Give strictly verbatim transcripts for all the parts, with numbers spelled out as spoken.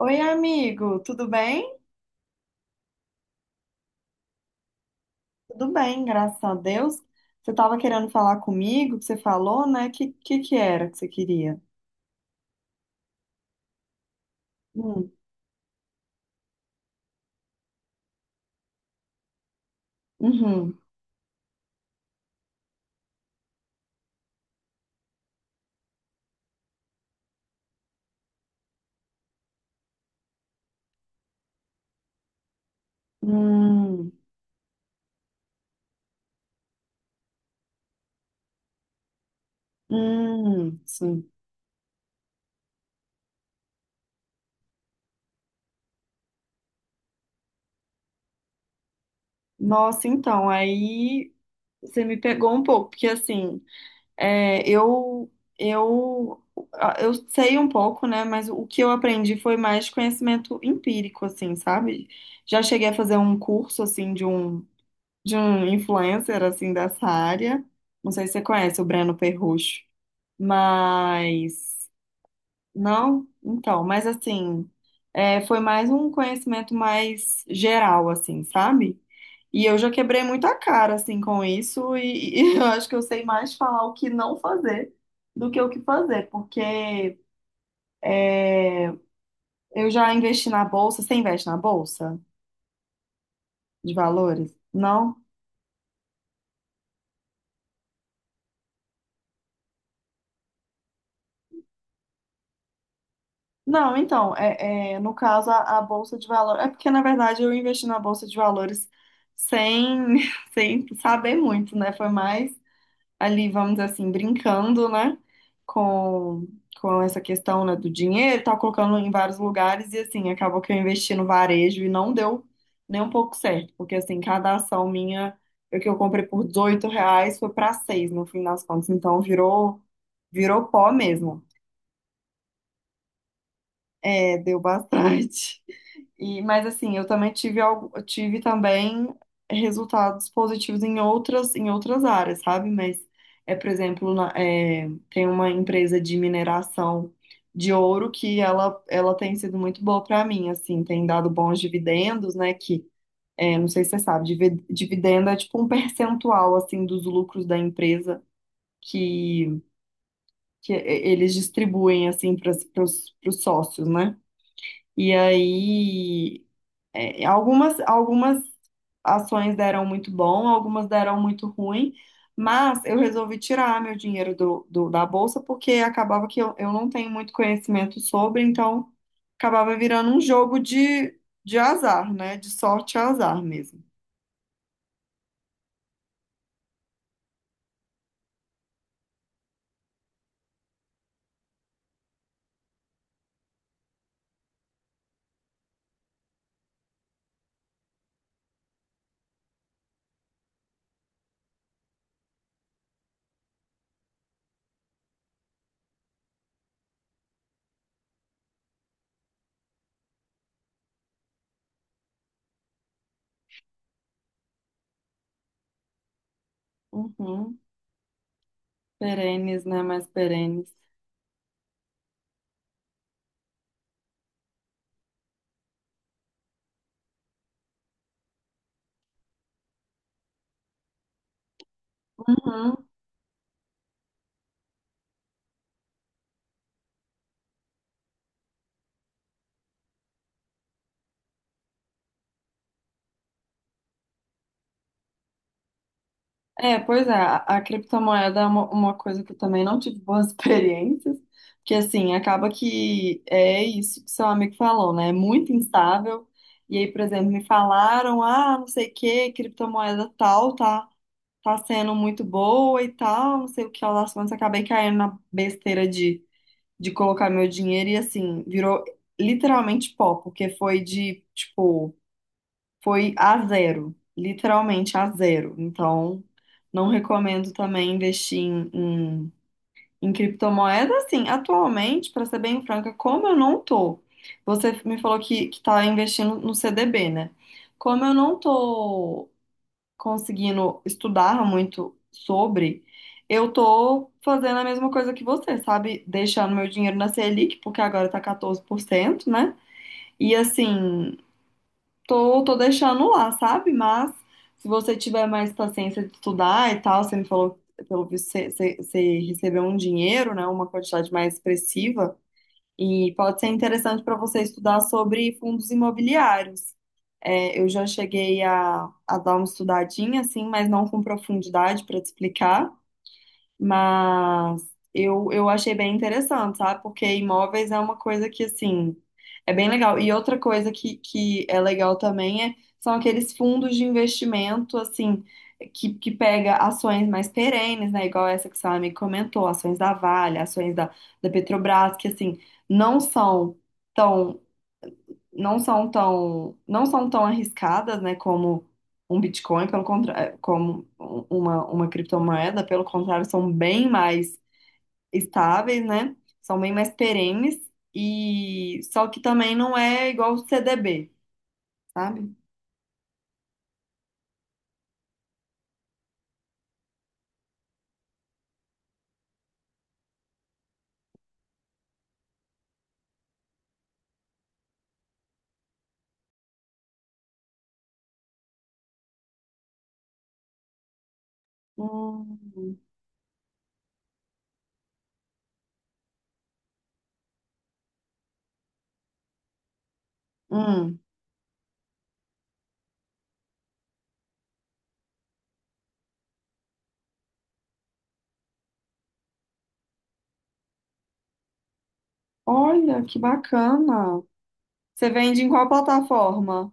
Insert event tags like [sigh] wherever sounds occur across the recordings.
Oi, amigo, tudo bem? Tudo bem, graças a Deus. Você estava querendo falar comigo, que você falou, né? Que que, que era que você queria? Hum. Uhum. Hum. Hum, sim. Nossa, então, aí você me pegou um pouco, porque assim, é, eu, eu, eu sei um pouco, né? Mas o que eu aprendi foi mais de conhecimento empírico, assim, sabe? Já cheguei a fazer um curso, assim, de um de um influencer assim dessa área. Não sei se você conhece o Breno Perrucho, mas não, então, mas assim, é, foi mais um conhecimento mais geral assim, sabe? E eu já quebrei muita cara assim com isso e, e [laughs] eu acho que eu sei mais falar o que não fazer do que o que fazer, porque é, eu já investi na bolsa, você investe na bolsa de valores? Não? Não, então, é, é, no caso, a, a Bolsa de Valores. É porque, na verdade, eu investi na Bolsa de Valores sem, [laughs] sem saber muito, né? Foi mais ali, vamos dizer assim, brincando, né? Com, com essa questão, né, do dinheiro, tá colocando em vários lugares e, assim, acabou que eu investi no varejo e não deu nem um pouco certo, porque, assim, cada ação minha, o que eu comprei por dezoito reais foi para seis no fim das contas, então virou, virou pó mesmo. É, deu bastante. E, mas assim, eu também tive algo, eu tive também resultados positivos em outras, em outras, áreas, sabe? Mas é, por exemplo, na- é, tem uma empresa de mineração de ouro que ela, ela tem sido muito boa para mim, assim, tem dado bons dividendos, né? Que é, não sei se você sabe, divi- dividendo é tipo um [laughs] percentual assim dos lucros da empresa que, que é, eles distribuem assim para os sócios, né? E aí é, algumas, algumas ações deram muito bom, algumas deram muito ruim, mas eu resolvi tirar meu dinheiro do, do- da bolsa porque acabava que eu, eu não tenho muito conhecimento sobre, então acabava virando um jogo de, de, azar, né? De sorte e azar mesmo. Uhum. Perenes, né? Mais perenes. Uhum. É, pois é, a, a criptomoeda é uma, uma coisa que eu também não tive boas [laughs] experiências, porque assim, acaba que é isso que seu amigo falou, né? É muito instável. E aí, por exemplo, me falaram, ah, não sei o que, criptomoeda tal, tá, tá sendo muito boa e tal, não sei o que lá das contas, acabei caindo na besteira de, de, colocar meu dinheiro e assim, virou literalmente pó, porque foi de, tipo. Foi a zero, literalmente a zero. Então, não recomendo também investir em, em, em criptomoeda. Assim, atualmente, para ser bem franca, como eu não tô, você me falou que, que tá investindo no C D B, né? Como eu não tô conseguindo estudar muito sobre, eu tô fazendo a mesma coisa que você, sabe? Deixando meu dinheiro na Selic, porque agora tá quatorze por cento, né? E assim tô, tô deixando lá, sabe? Mas se você tiver mais paciência de estudar e tal, você me falou, que, pelo visto, você, você- você recebeu um dinheiro, né? Uma quantidade mais expressiva. E pode ser interessante para você estudar sobre fundos imobiliários. É, eu já cheguei a, a dar uma estudadinha, assim, mas não com profundidade para te explicar. Mas eu, eu achei bem interessante, sabe? Porque imóveis é uma coisa que, assim, é bem legal. E outra coisa que, que é legal também é, são aqueles fundos de investimento, assim, que, que pega ações mais perenes, né? Igual essa que o seu amigo comentou, ações da Vale, ações da, da Petrobras, que, assim, não são tão não são tão, não são tão arriscadas, né, como um Bitcoin, pelo contrário, como um- uma, uma criptomoeda, pelo contrário, são bem mais estáveis, né? São bem mais perenes e só que também não é igual o C D B, sabe? Hum, hum. Olha, que bacana. Você vende em qual plataforma?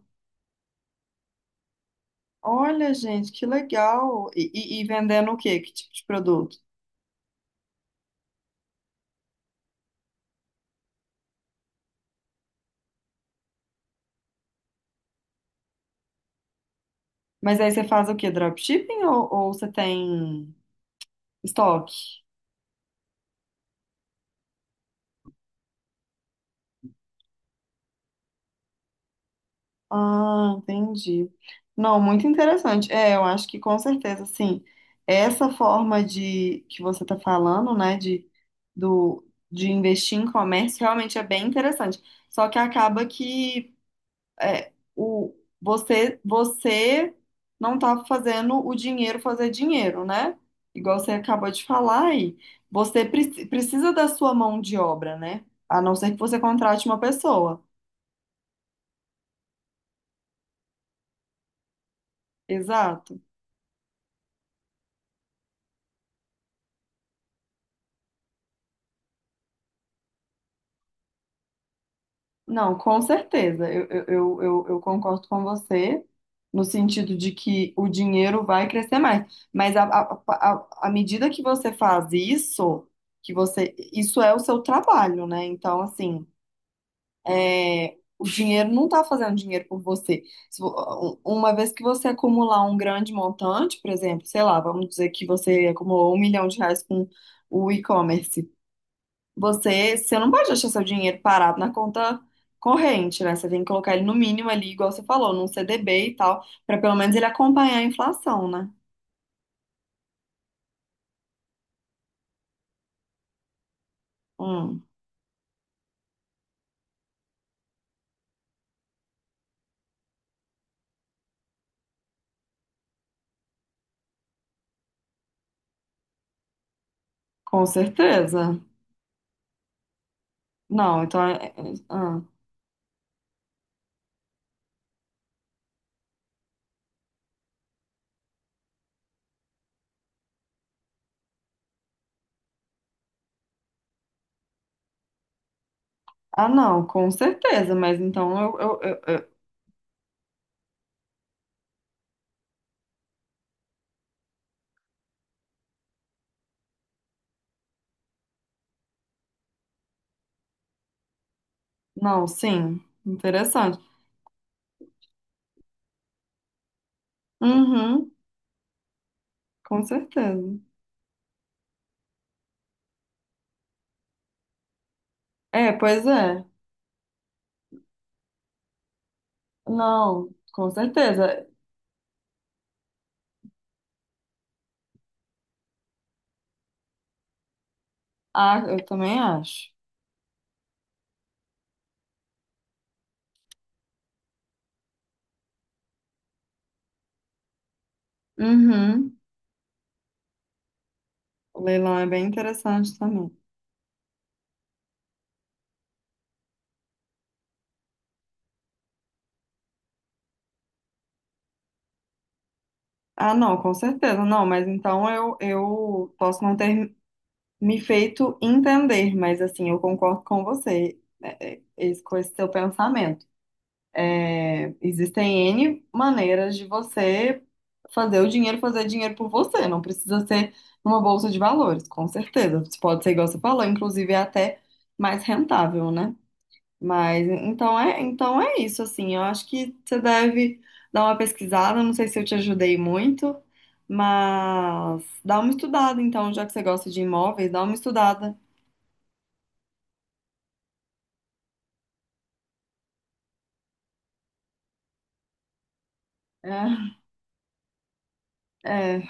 Olha, gente, que legal. E, e- e vendendo o quê? Que tipo de produto? Mas aí você faz o quê? Dropshipping ou, ou você tem. Estoque. Ah, entendi. Não, muito interessante. É, eu acho que com certeza, assim, essa forma de que você está falando, né, de, do, de investir em comércio realmente é bem interessante. Só que acaba que é, o, você, você não está fazendo o dinheiro fazer dinheiro, né? Igual você acabou de falar aí. Você preci- precisa da sua mão de obra, né? A não ser que você contrate uma pessoa. Exato. Não, com certeza. Eu, eu, eu, eu eu concordo com você no sentido de que o dinheiro vai crescer mais. Mas a, a, a, à medida que você faz isso, que você, isso é o seu trabalho, né? Então, assim, é, o dinheiro não está fazendo dinheiro por você. Se vo- uma vez que você acumular um grande montante, por exemplo, sei lá, vamos dizer que você acumulou um milhão de reais com o e-commerce. Você, você não pode deixar seu dinheiro parado na conta corrente, né? Você tem que colocar ele no mínimo ali, igual você falou, num C D B e tal, para pelo menos ele acompanhar a inflação, né? Hum, com certeza. Não, então. é- é- Ah, Ah, não, com certeza, mas então, eu, eu, eu- eu- Não, sim, interessante. Uhum, com certeza. É, pois é. Não, com certeza. Ah, eu também acho. Uhum. O leilão é bem interessante também. Ah, não, com certeza, não, mas então eu, eu posso não ter me feito entender, mas assim, eu concordo com você, é, é, esse- com esse seu pensamento. É, existem N maneiras de você fazer o dinheiro fazer dinheiro por você, não precisa ser numa bolsa de valores, com certeza. Pode ser igual você falou, inclusive é até mais rentável, né? Mas então é, então é isso, assim. Eu acho que você deve dar uma pesquisada. Não sei se eu te ajudei muito, mas dá uma estudada, então, já que você gosta de imóveis, dá uma estudada. É, é.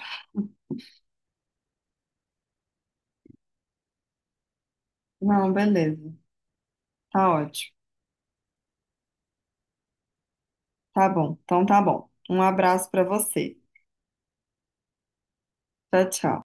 Não, beleza. Tá ótimo. Tá bom. Então tá bom. Um abraço pra você. Tchau, tchau.